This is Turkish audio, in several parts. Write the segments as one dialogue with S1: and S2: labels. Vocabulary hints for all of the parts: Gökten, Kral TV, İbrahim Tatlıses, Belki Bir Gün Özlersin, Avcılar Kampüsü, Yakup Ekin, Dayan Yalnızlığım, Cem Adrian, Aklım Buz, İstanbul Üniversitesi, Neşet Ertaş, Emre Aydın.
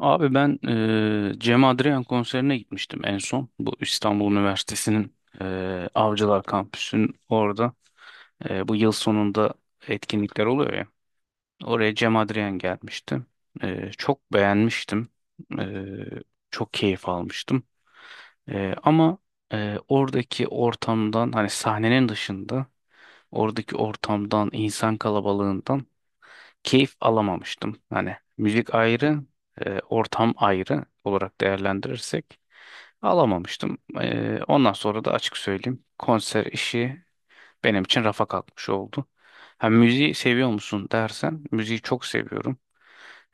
S1: Abi ben Cem Adrian konserine gitmiştim en son. Bu İstanbul Üniversitesi'nin Avcılar Kampüsü'nün orada. Bu yıl sonunda etkinlikler oluyor ya. Oraya Cem Adrian gelmişti. Çok beğenmiştim. Eee, Çok keyif almıştım. Ama oradaki ortamdan hani sahnenin dışında oradaki ortamdan, insan kalabalığından keyif alamamıştım. Hani müzik ayrı, ortam ayrı olarak değerlendirirsek alamamıştım. Ondan sonra da açık söyleyeyim, konser işi benim için rafa kalkmış oldu. Ha, müziği seviyor musun dersen, müziği çok seviyorum.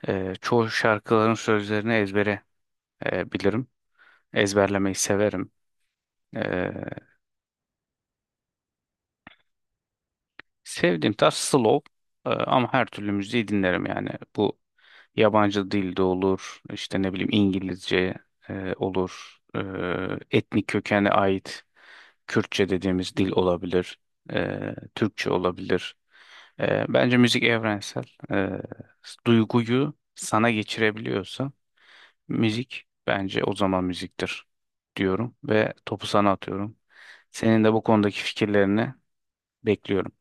S1: Çoğu şarkıların sözlerini ezbere bilirim. Ezberlemeyi severim. E, Sevdiğim tarz slow, ama her türlü müziği dinlerim yani. Bu yabancı dilde olur, işte ne bileyim İngilizce olur, etnik kökene ait Kürtçe dediğimiz dil olabilir, Türkçe olabilir. Bence müzik evrensel. E, Duyguyu sana geçirebiliyorsa müzik, bence o zaman müziktir diyorum ve topu sana atıyorum. Senin de bu konudaki fikirlerini bekliyorum.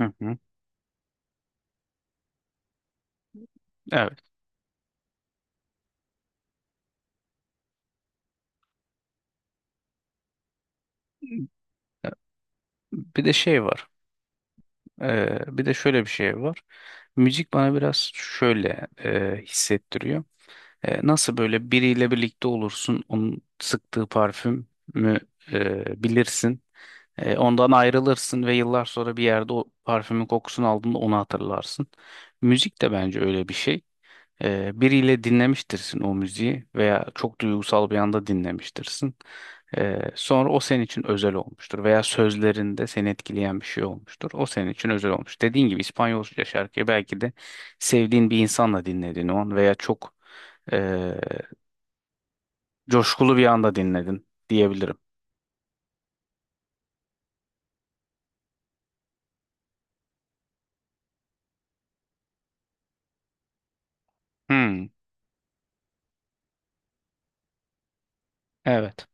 S1: Hı hı. Evet. Bir de şey var. Bir de şöyle bir şey var. Müzik bana biraz şöyle hissettiriyor. Nasıl böyle biriyle birlikte olursun, onun sıktığı parfümü bilirsin. Ondan ayrılırsın ve yıllar sonra bir yerde o parfümün kokusunu aldığında onu hatırlarsın. Müzik de bence öyle bir şey. Biriyle dinlemiştirsin o müziği veya çok duygusal bir anda dinlemiştirsin. Sonra o senin için özel olmuştur veya sözlerinde seni etkileyen bir şey olmuştur. O senin için özel olmuş. Dediğin gibi İspanyolca şarkıyı belki de sevdiğin bir insanla dinledin o an veya çok e, coşkulu bir anda dinledin diyebilirim. Hmm, evet.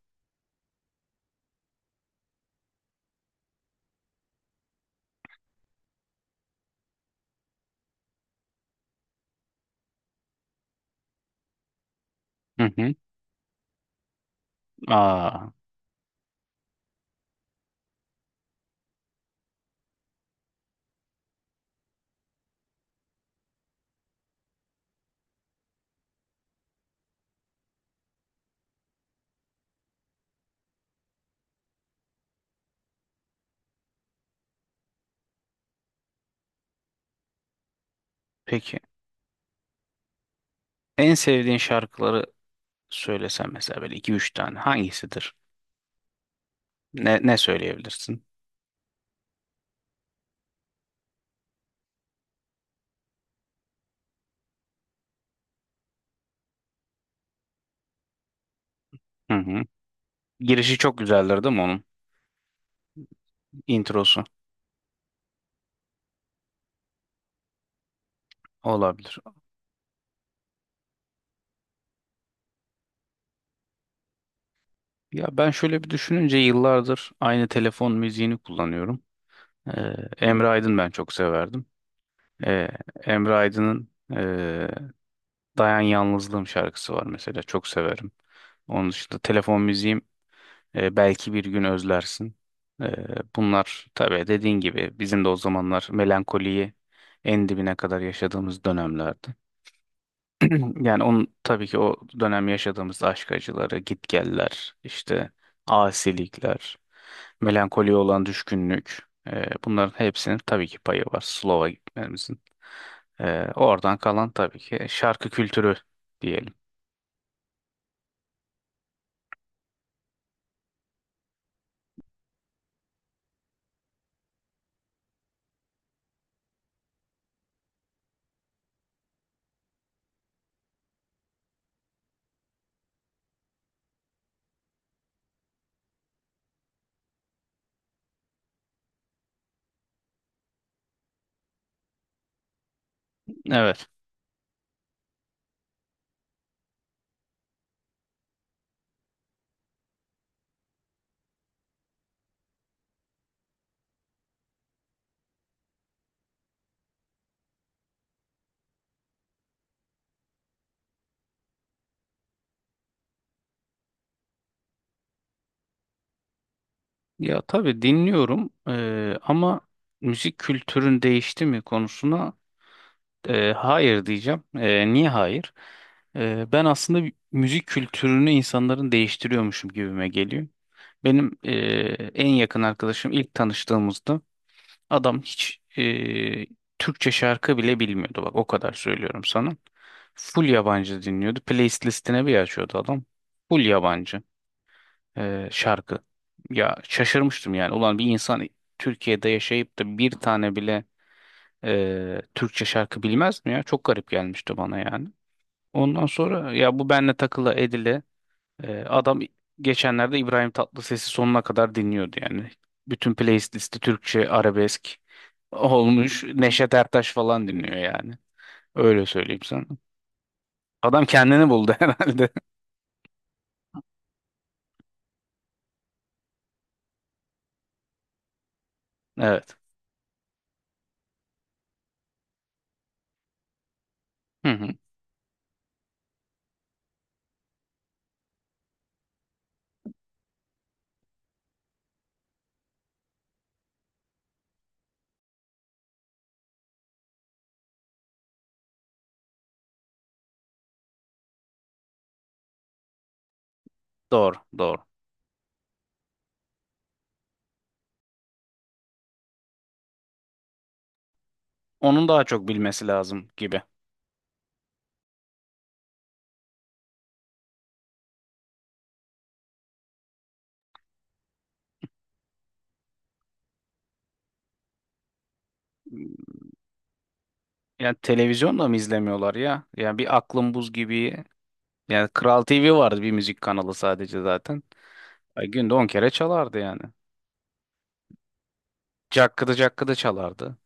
S1: Hı hı. Aa, peki. En sevdiğin şarkıları söylesem mesela, böyle iki üç tane hangisidir? Ne söyleyebilirsin? Hı hı. Girişi çok güzeldir değil mi onun? Introsu olabilir. Ya ben şöyle bir düşününce, yıllardır aynı telefon müziğini kullanıyorum. Ee, Emre Aydın ben çok severdim. Ee, Emre Aydın'ın ee, Dayan Yalnızlığım şarkısı var mesela, çok severim. Onun dışında telefon müziğim Belki Bir Gün Özlersin. Ee, Bunlar tabii dediğin gibi bizim de o zamanlar melankoliyi en dibine kadar yaşadığımız dönemlerdi. Yani onun tabii ki o dönem yaşadığımız aşk acıları, gitgeller, işte asilikler, melankoliye olan düşkünlük, bunların hepsinin tabii ki payı var Slova gitmemizin. Oradan kalan tabii ki şarkı kültürü diyelim. Evet. Ya tabii dinliyorum, ama müzik kültürün değişti mi konusuna hayır diyeceğim. Niye hayır? Ben aslında müzik kültürünü insanların değiştiriyormuşum gibime geliyor. Benim en yakın arkadaşım ilk tanıştığımızda adam hiç Türkçe şarkı bile bilmiyordu. Bak o kadar söylüyorum sana. Full yabancı dinliyordu. Playlist listine bir açıyordu adam. Full yabancı şarkı. Ya şaşırmıştım yani. Ulan bir insan Türkiye'de yaşayıp da bir tane bile Türkçe şarkı bilmez mi ya? Çok garip gelmişti bana yani. Ondan sonra ya bu benle takılı edile adam geçenlerde İbrahim Tatlıses'i sonuna kadar dinliyordu yani. Bütün playlisti Türkçe arabesk olmuş. Neşet Ertaş falan dinliyor yani. Öyle söyleyeyim sana. Adam kendini buldu herhalde. Evet. Hı hı. Doğru, doğru. Onun daha çok bilmesi lazım gibi. Yani televizyon da mı izlemiyorlar ya? Yani bir Aklım Buz gibi. Yani Kral TV vardı, bir müzik kanalı sadece zaten. Ay, günde 10 kere çalardı yani. Cakkıdı cakkıdı çalardı.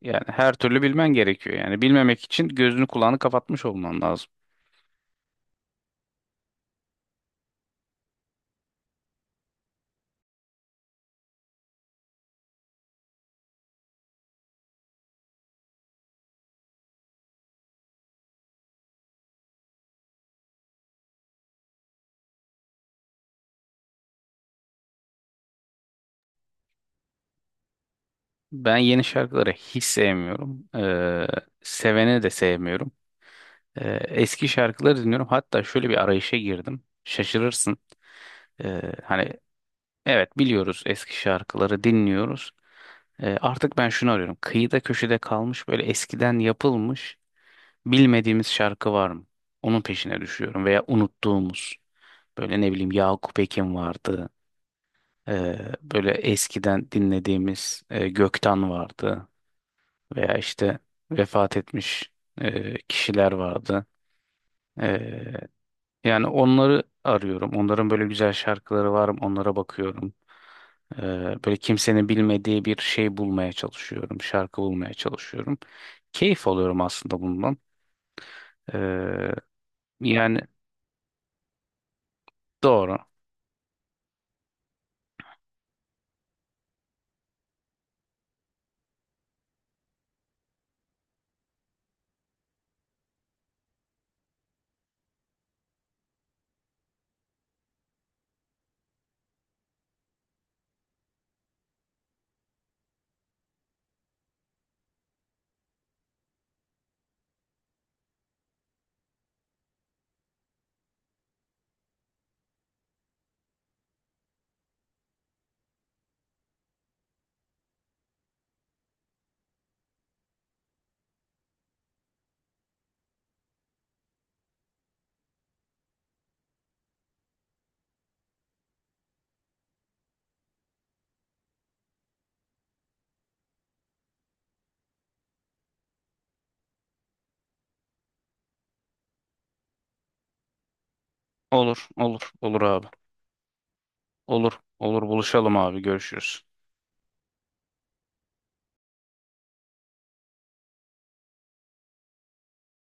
S1: Yani her türlü bilmen gerekiyor yani. Bilmemek için gözünü kulağını kapatmış olman lazım. Ben yeni şarkıları hiç sevmiyorum. Seveni de sevmiyorum. Eski şarkıları dinliyorum. Hatta şöyle bir arayışa girdim. Şaşırırsın. Hani evet, biliyoruz, eski şarkıları dinliyoruz. Artık ben şunu arıyorum. Kıyıda köşede kalmış, böyle eskiden yapılmış bilmediğimiz şarkı var mı? Onun peşine düşüyorum, veya unuttuğumuz. Böyle ne bileyim Yakup Ekin vardı. Böyle eskiden dinlediğimiz Gökten vardı. Veya işte vefat etmiş kişiler vardı. Yani onları arıyorum. Onların böyle güzel şarkıları var mı? Onlara bakıyorum. Ee, Böyle kimsenin bilmediği bir şey bulmaya çalışıyorum. Şarkı bulmaya çalışıyorum. Keyif alıyorum aslında bundan. Ee, yani doğru. Olur, olur, olur, abi. Olur, olur, buluşalım abi. Görüşürüz.